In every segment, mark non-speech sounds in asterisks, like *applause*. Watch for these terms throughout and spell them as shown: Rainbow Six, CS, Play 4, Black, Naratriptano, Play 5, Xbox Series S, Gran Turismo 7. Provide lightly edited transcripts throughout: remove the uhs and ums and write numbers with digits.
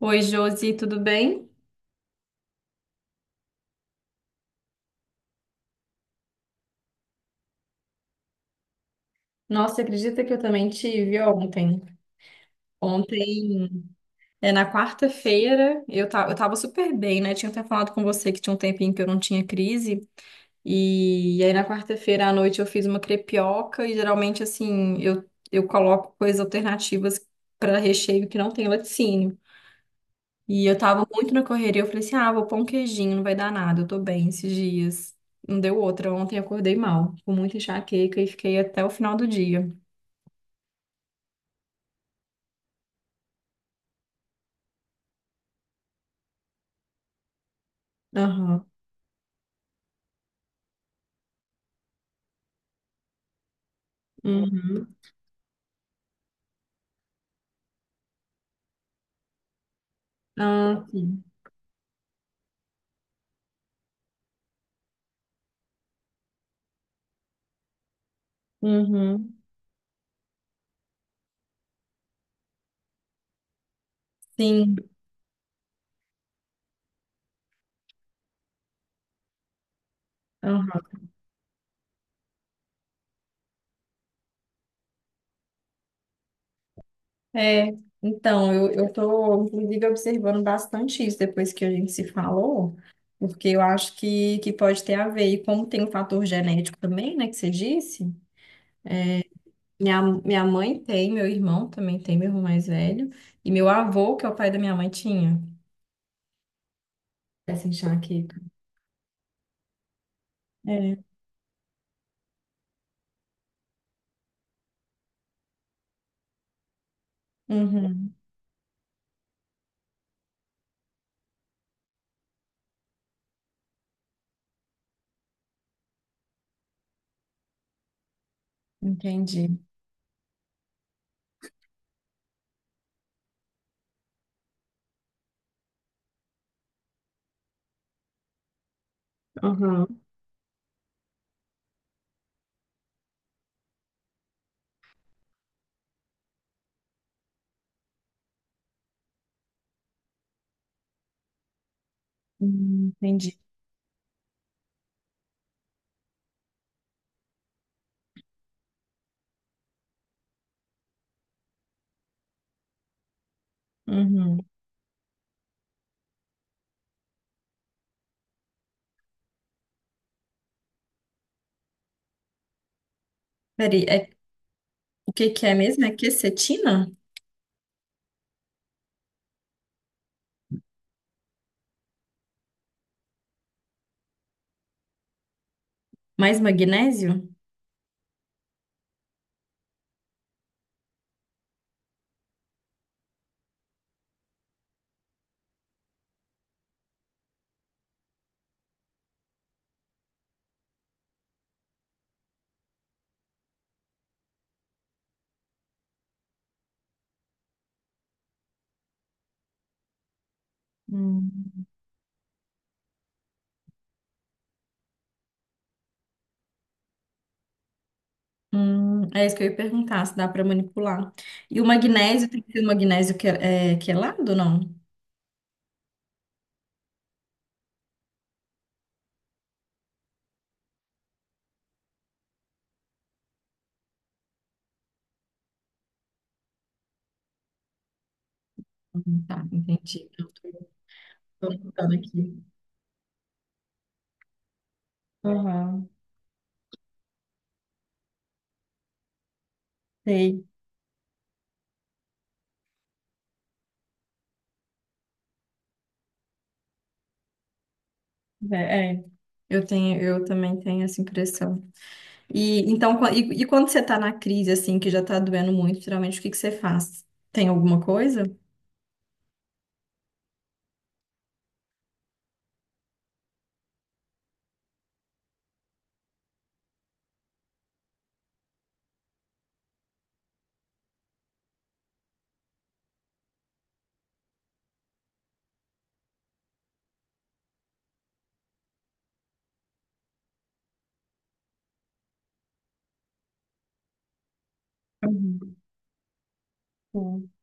Oi, Josi, tudo bem? Nossa, acredita que eu também tive ontem? Ontem, na quarta-feira, eu tava super bem, né? Tinha até falado com você que tinha um tempinho que eu não tinha crise. E aí, na quarta-feira à noite, eu fiz uma crepioca. E geralmente, assim, eu coloco coisas alternativas para recheio que não tem laticínio. E eu tava muito na correria. Eu falei assim: ah, vou pôr um queijinho, não vai dar nada, eu tô bem esses dias. Não deu outra. Ontem eu acordei mal, com muita enxaqueca e fiquei até o final do dia. Aham. Uhum. Ah, sim. Uhum. Sim. Aham. É, então, eu tô, inclusive, observando bastante isso depois que a gente se falou, porque eu acho que pode ter a ver. E como tem o fator genético também, né, que você disse, minha mãe tem, meu irmão também tem, meu irmão mais velho, e meu avô, que é o pai da minha mãe, tinha essa enxaqueca. É. Uhum. Entendi. Aham. Uhum. Entendi. Uhum. Peraí, é, o que que é mesmo? É quercetina? Mais magnésio? Hum. É isso que eu ia perguntar, se dá para manipular. E o magnésio, tem que ser o magnésio que é quelado, ou não? Tá, entendi. Tô anotando aqui. Aham, sei. É, é. Eu também tenho essa impressão. E então, e quando você tá na crise, assim, que já tá doendo muito, geralmente o que que você faz? Tem alguma coisa? Uhum.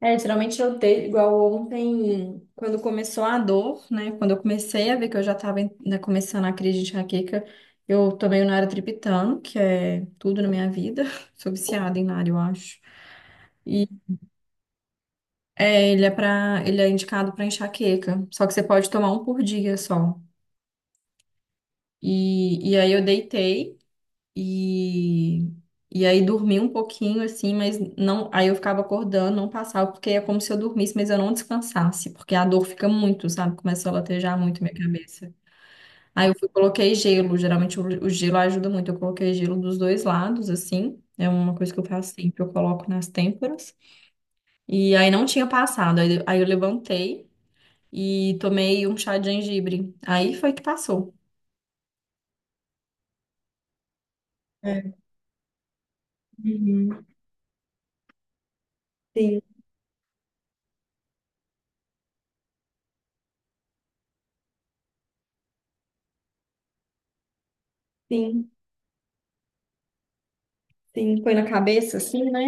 É, geralmente eu dei, igual ontem, quando começou a dor, né? Quando eu comecei a ver que eu já estava começando a crise de enxaqueca, eu tomei o Naratriptano, que é tudo na minha vida. *laughs* Sou viciada em Nara, eu acho. E É, ele é indicado para enxaqueca, só que você pode tomar um por dia só. E aí eu deitei. E, e aí dormi um pouquinho assim, mas não, aí eu ficava acordando, não passava, porque é como se eu dormisse, mas eu não descansasse, porque a dor fica muito, sabe? Começou a latejar muito minha cabeça. Aí eu fui, coloquei gelo, geralmente o gelo ajuda muito, eu coloquei gelo dos dois lados assim. É uma coisa que eu faço sempre, eu coloco nas têmporas. E aí não tinha passado. Aí eu levantei e tomei um chá de gengibre. Aí foi que passou. É. Uhum. Sim, sim, sim. Foi na cabeça, assim, né?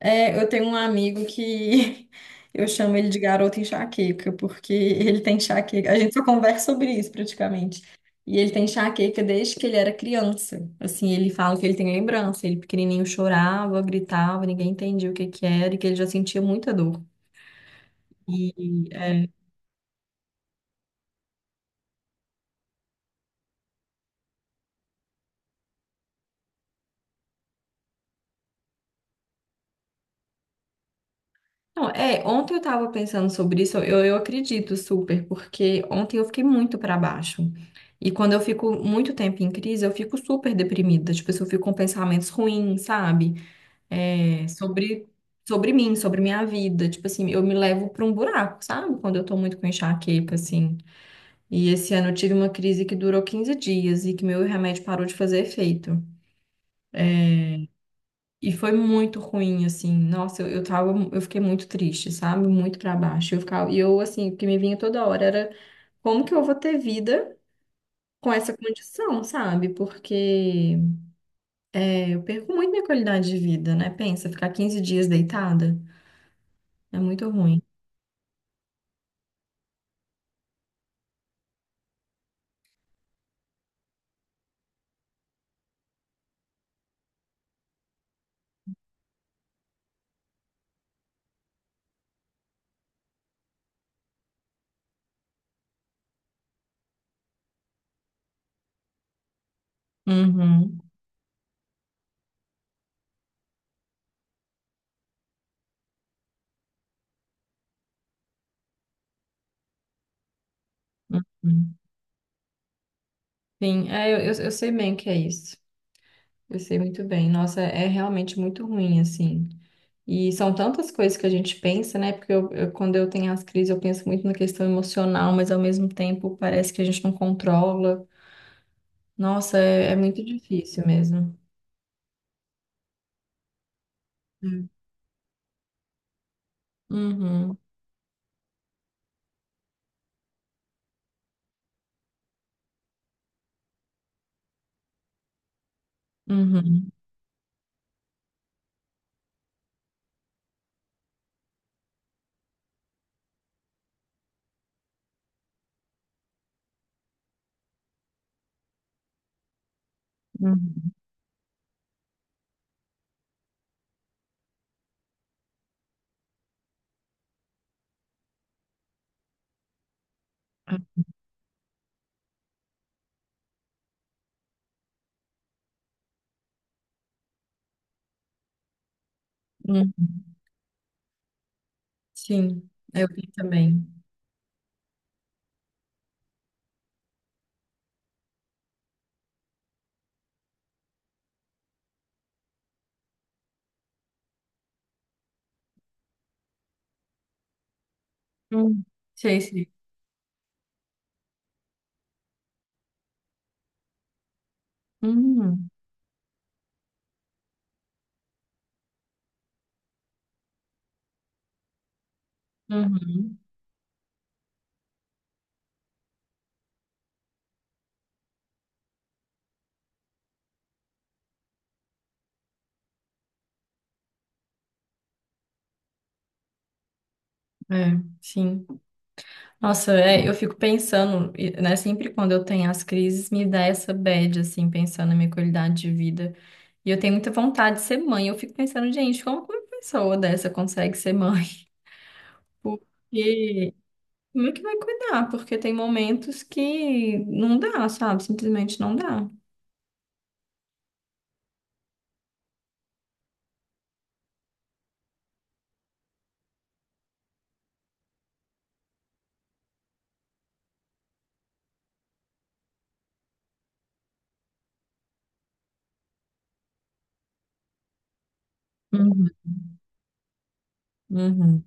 É, eu tenho um amigo que *laughs* eu chamo ele de garoto enxaqueca, porque ele tem enxaqueca. A gente só conversa sobre isso praticamente. E ele tem enxaqueca desde que ele era criança. Assim, ele fala que ele tem lembrança. Ele pequenininho chorava, gritava, ninguém entendia o que que era e que ele já sentia muita dor. E, é, não, é, Ontem eu tava pensando sobre isso, eu acredito super, porque ontem eu fiquei muito pra baixo. E quando eu fico muito tempo em crise, eu fico super deprimida. Tipo, assim, eu fico com pensamentos ruins, sabe? é, sobre, Sobre mim, sobre minha vida. Tipo assim, eu me levo para um buraco, sabe? Quando eu tô muito com enxaqueca, assim. E esse ano eu tive uma crise que durou 15 dias e que meu remédio parou de fazer efeito. E foi muito ruim, assim. Nossa, eu fiquei muito triste, sabe? Muito para baixo. Eu ficava, e eu, assim, o que me vinha toda hora era como que eu vou ter vida com essa condição, sabe? Porque é, eu perco muito minha qualidade de vida, né? Pensa, ficar 15 dias deitada é muito ruim. Uhum. Uhum. Sim, é, eu sei bem o que é isso. Eu sei muito bem. Nossa, é realmente muito ruim, assim. E são tantas coisas que a gente pensa, né? Porque quando eu tenho as crises, eu penso muito na questão emocional, mas ao mesmo tempo parece que a gente não controla. Nossa, é, é muito difícil mesmo. Hum. Uhum, uhum, uhum, uhum. Sim, eu vi também. Hum. Sei, sei. Uhum, uhum. É, sim. Nossa, é, eu fico pensando, e, né? Sempre quando eu tenho as crises, me dá essa bad, assim, pensando na minha qualidade de vida. E eu tenho muita vontade de ser mãe. Eu fico pensando, gente, como que uma pessoa dessa consegue ser mãe? *laughs* Porque como é que vai cuidar? Porque tem momentos que não dá, sabe? Simplesmente não dá. Uhum, uhum.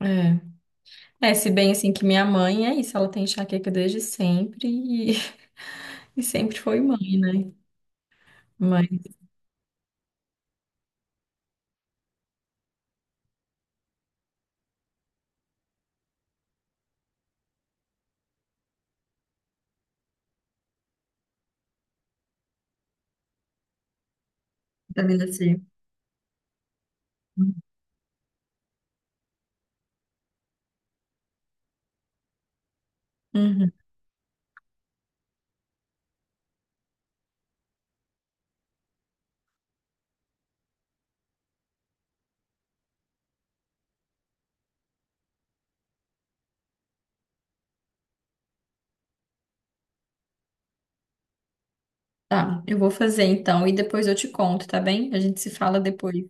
É. É, se bem assim que minha mãe é isso, ela tem enxaqueca desde sempre e, *laughs* e sempre foi mãe, né? Mãe, vitamina C. Uhum. Tá, eu vou fazer então e depois eu te conto, tá bem? A gente se fala depois,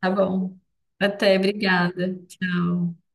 tá bom? Até, obrigada. Tchau.